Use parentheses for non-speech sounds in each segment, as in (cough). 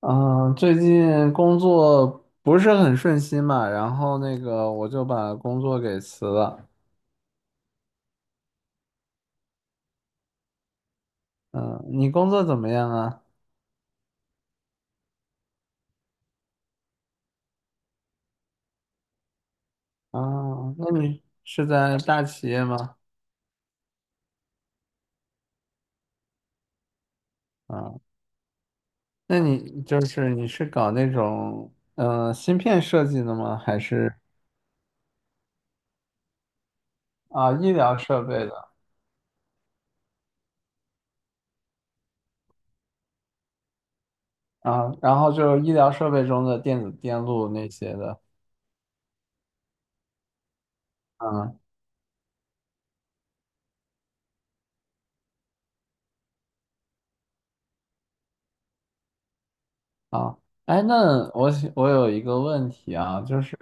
嗯，最近工作不是很顺心嘛，然后那个我就把工作给辞了。嗯，你工作怎么样啊？啊，那你是在大企业吗？啊，那你是搞那种芯片设计的吗？还是啊医疗设备的？啊，然后就是医疗设备中的电子电路那些的。啊啊，哎，那我想我有一个问题啊，就是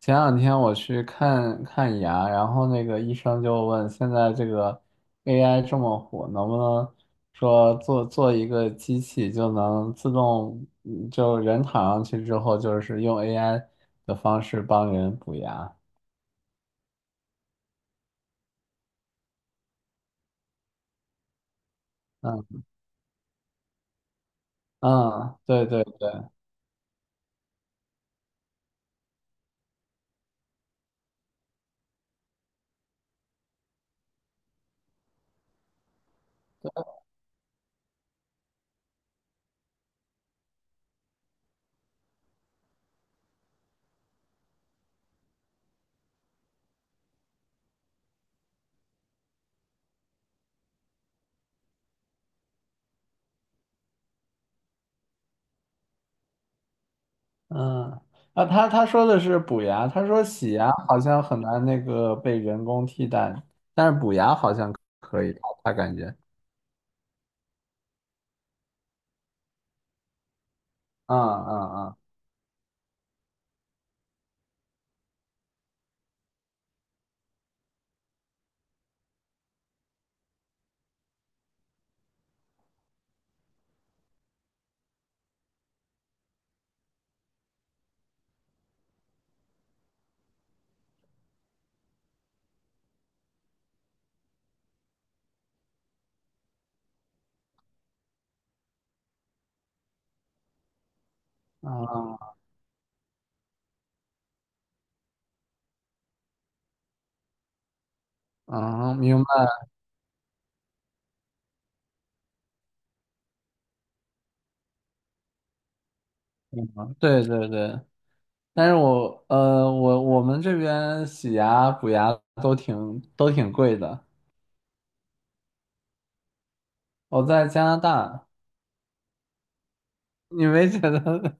前两天我去看看牙，然后那个医生就问，现在这个 AI 这么火，能不能说做做一个机器就能自动，就人躺上去之后，就是用 AI 的方式帮人补牙？嗯嗯，对对对。嗯，啊，他说的是补牙，他说洗牙好像很难那个被人工替代，但是补牙好像可以，他感觉，嗯嗯嗯嗯嗯，明白了，对对对，但是我们这边洗牙补牙都挺贵的，我在加拿大，你没觉得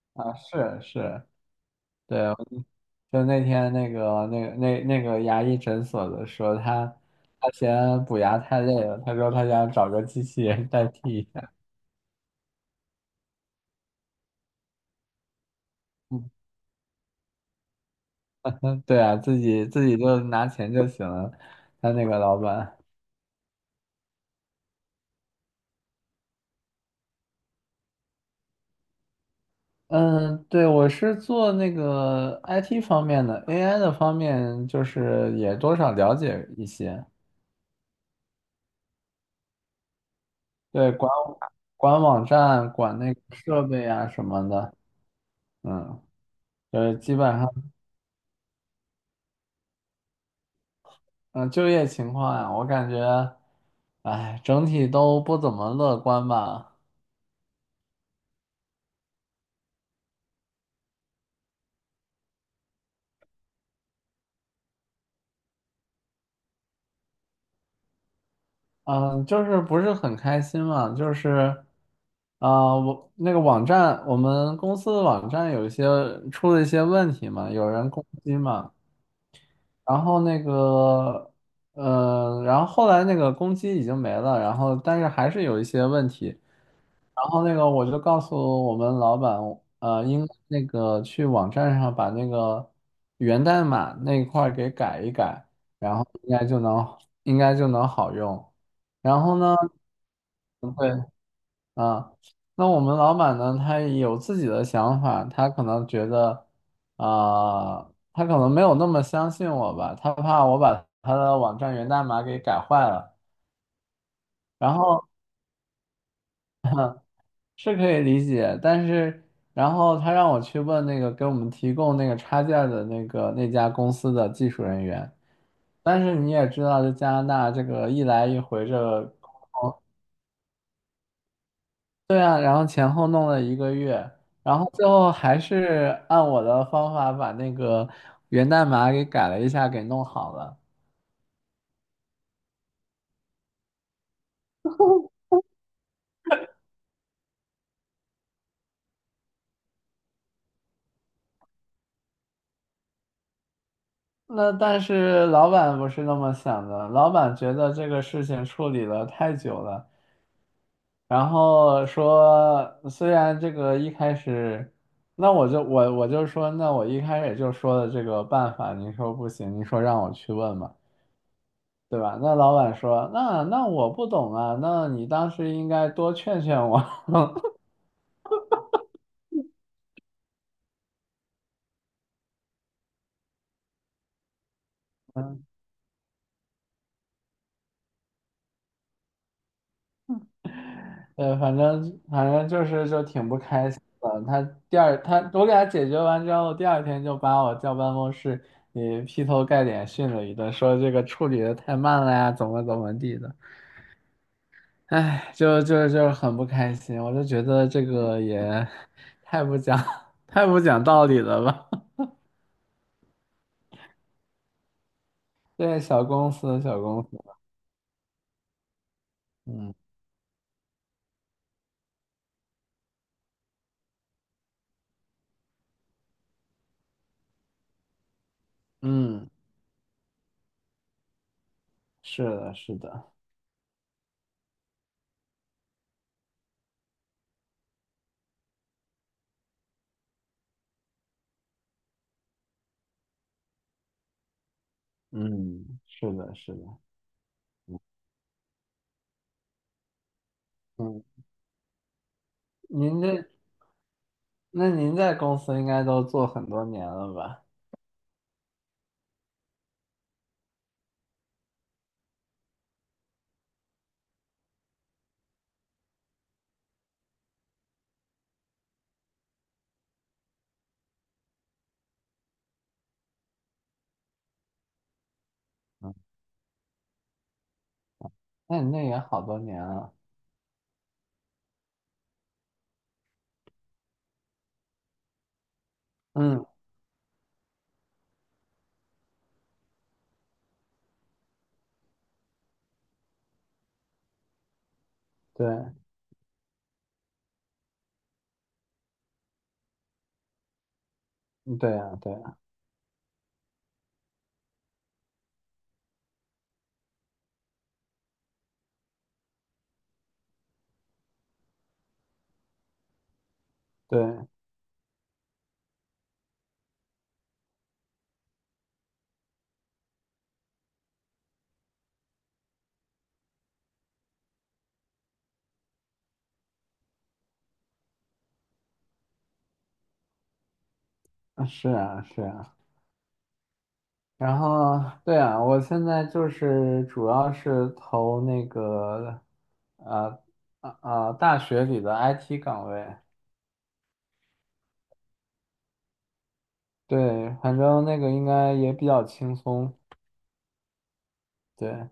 (laughs) 啊？是是，对，就那天那个牙医诊所的说他他嫌补牙太累了，他说他想找个机器人代替。一下。嗯，(laughs) 对啊，自己自己就拿钱就行了。他那个老板，嗯，对，我是做那个 IT 方面的，AI 的方面就是也多少了解一些。对，管网站、管那个设备啊什么的，嗯，就是基本上。嗯，就业情况呀，我感觉，哎，整体都不怎么乐观吧。嗯，就是不是很开心嘛，就是，啊、我那个网站，我们公司的网站有一些出了一些问题嘛，有人攻击嘛，然后那个，然后后来那个攻击已经没了，然后但是还是有一些问题，然后那个我就告诉我们老板，应该那个去网站上把那个源代码那一块儿给改一改，然后应该就能好用。然后呢，对啊，那我们老板呢，他有自己的想法，啊、他可能没有那么相信我吧，他怕我把他的网站源代码给改坏了。然后是可以理解，但是然后他让我去问那个给我们提供那个插件儿的那个那家公司的技术人员，但是你也知道，这加拿大这个一来一回这个对啊，然后前后弄了一个月，然后最后还是按我的方法把那个源代码给改了一下，给弄好了。那但是老板不是那么想的，老板觉得这个事情处理了太久了。然后说，虽然这个一开始，那我就说，那我一开始就说的这个办法，您说不行，您说让我去问嘛，对吧？那老板说，那我不懂啊，那你当时应该多劝劝我。(laughs) 对，反正就是就挺不开心的。他第二他我给他解决完之后，第二天就把我叫办公室，也劈头盖脸训了一顿，说这个处理的太慢了呀，怎么怎么地的。哎，就很不开心，我就觉得这个也太不讲 (laughs) 太不讲道理了吧？(laughs) 对，小公司，小公司，嗯嗯，是的，是的，嗯，是的，是的，嗯，您这那您在公司应该都做很多年了吧？嗯，那你那也好多年了，嗯，对，嗯对啊，对啊，对，啊是啊，是啊。然后，对啊，我现在就是主要是投那个，呃，啊啊，大学里的 IT 岗位。对，反正那个应该也比较轻松。对，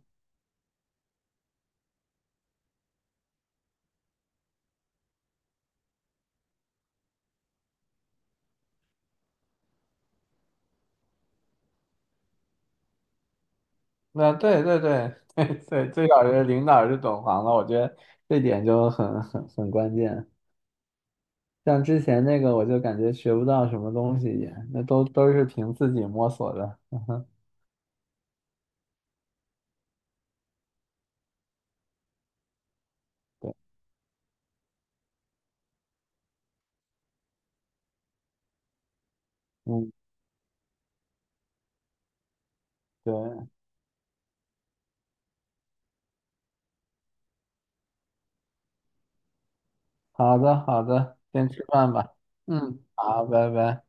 那对对对 (laughs) 对对，最少是领导是懂行的，我觉得这点就很关键。像之前那个，我就感觉学不到什么东西也，那都是凭自己摸索的。对，嗯，对，好的好的，先吃饭吧。嗯，好，拜拜。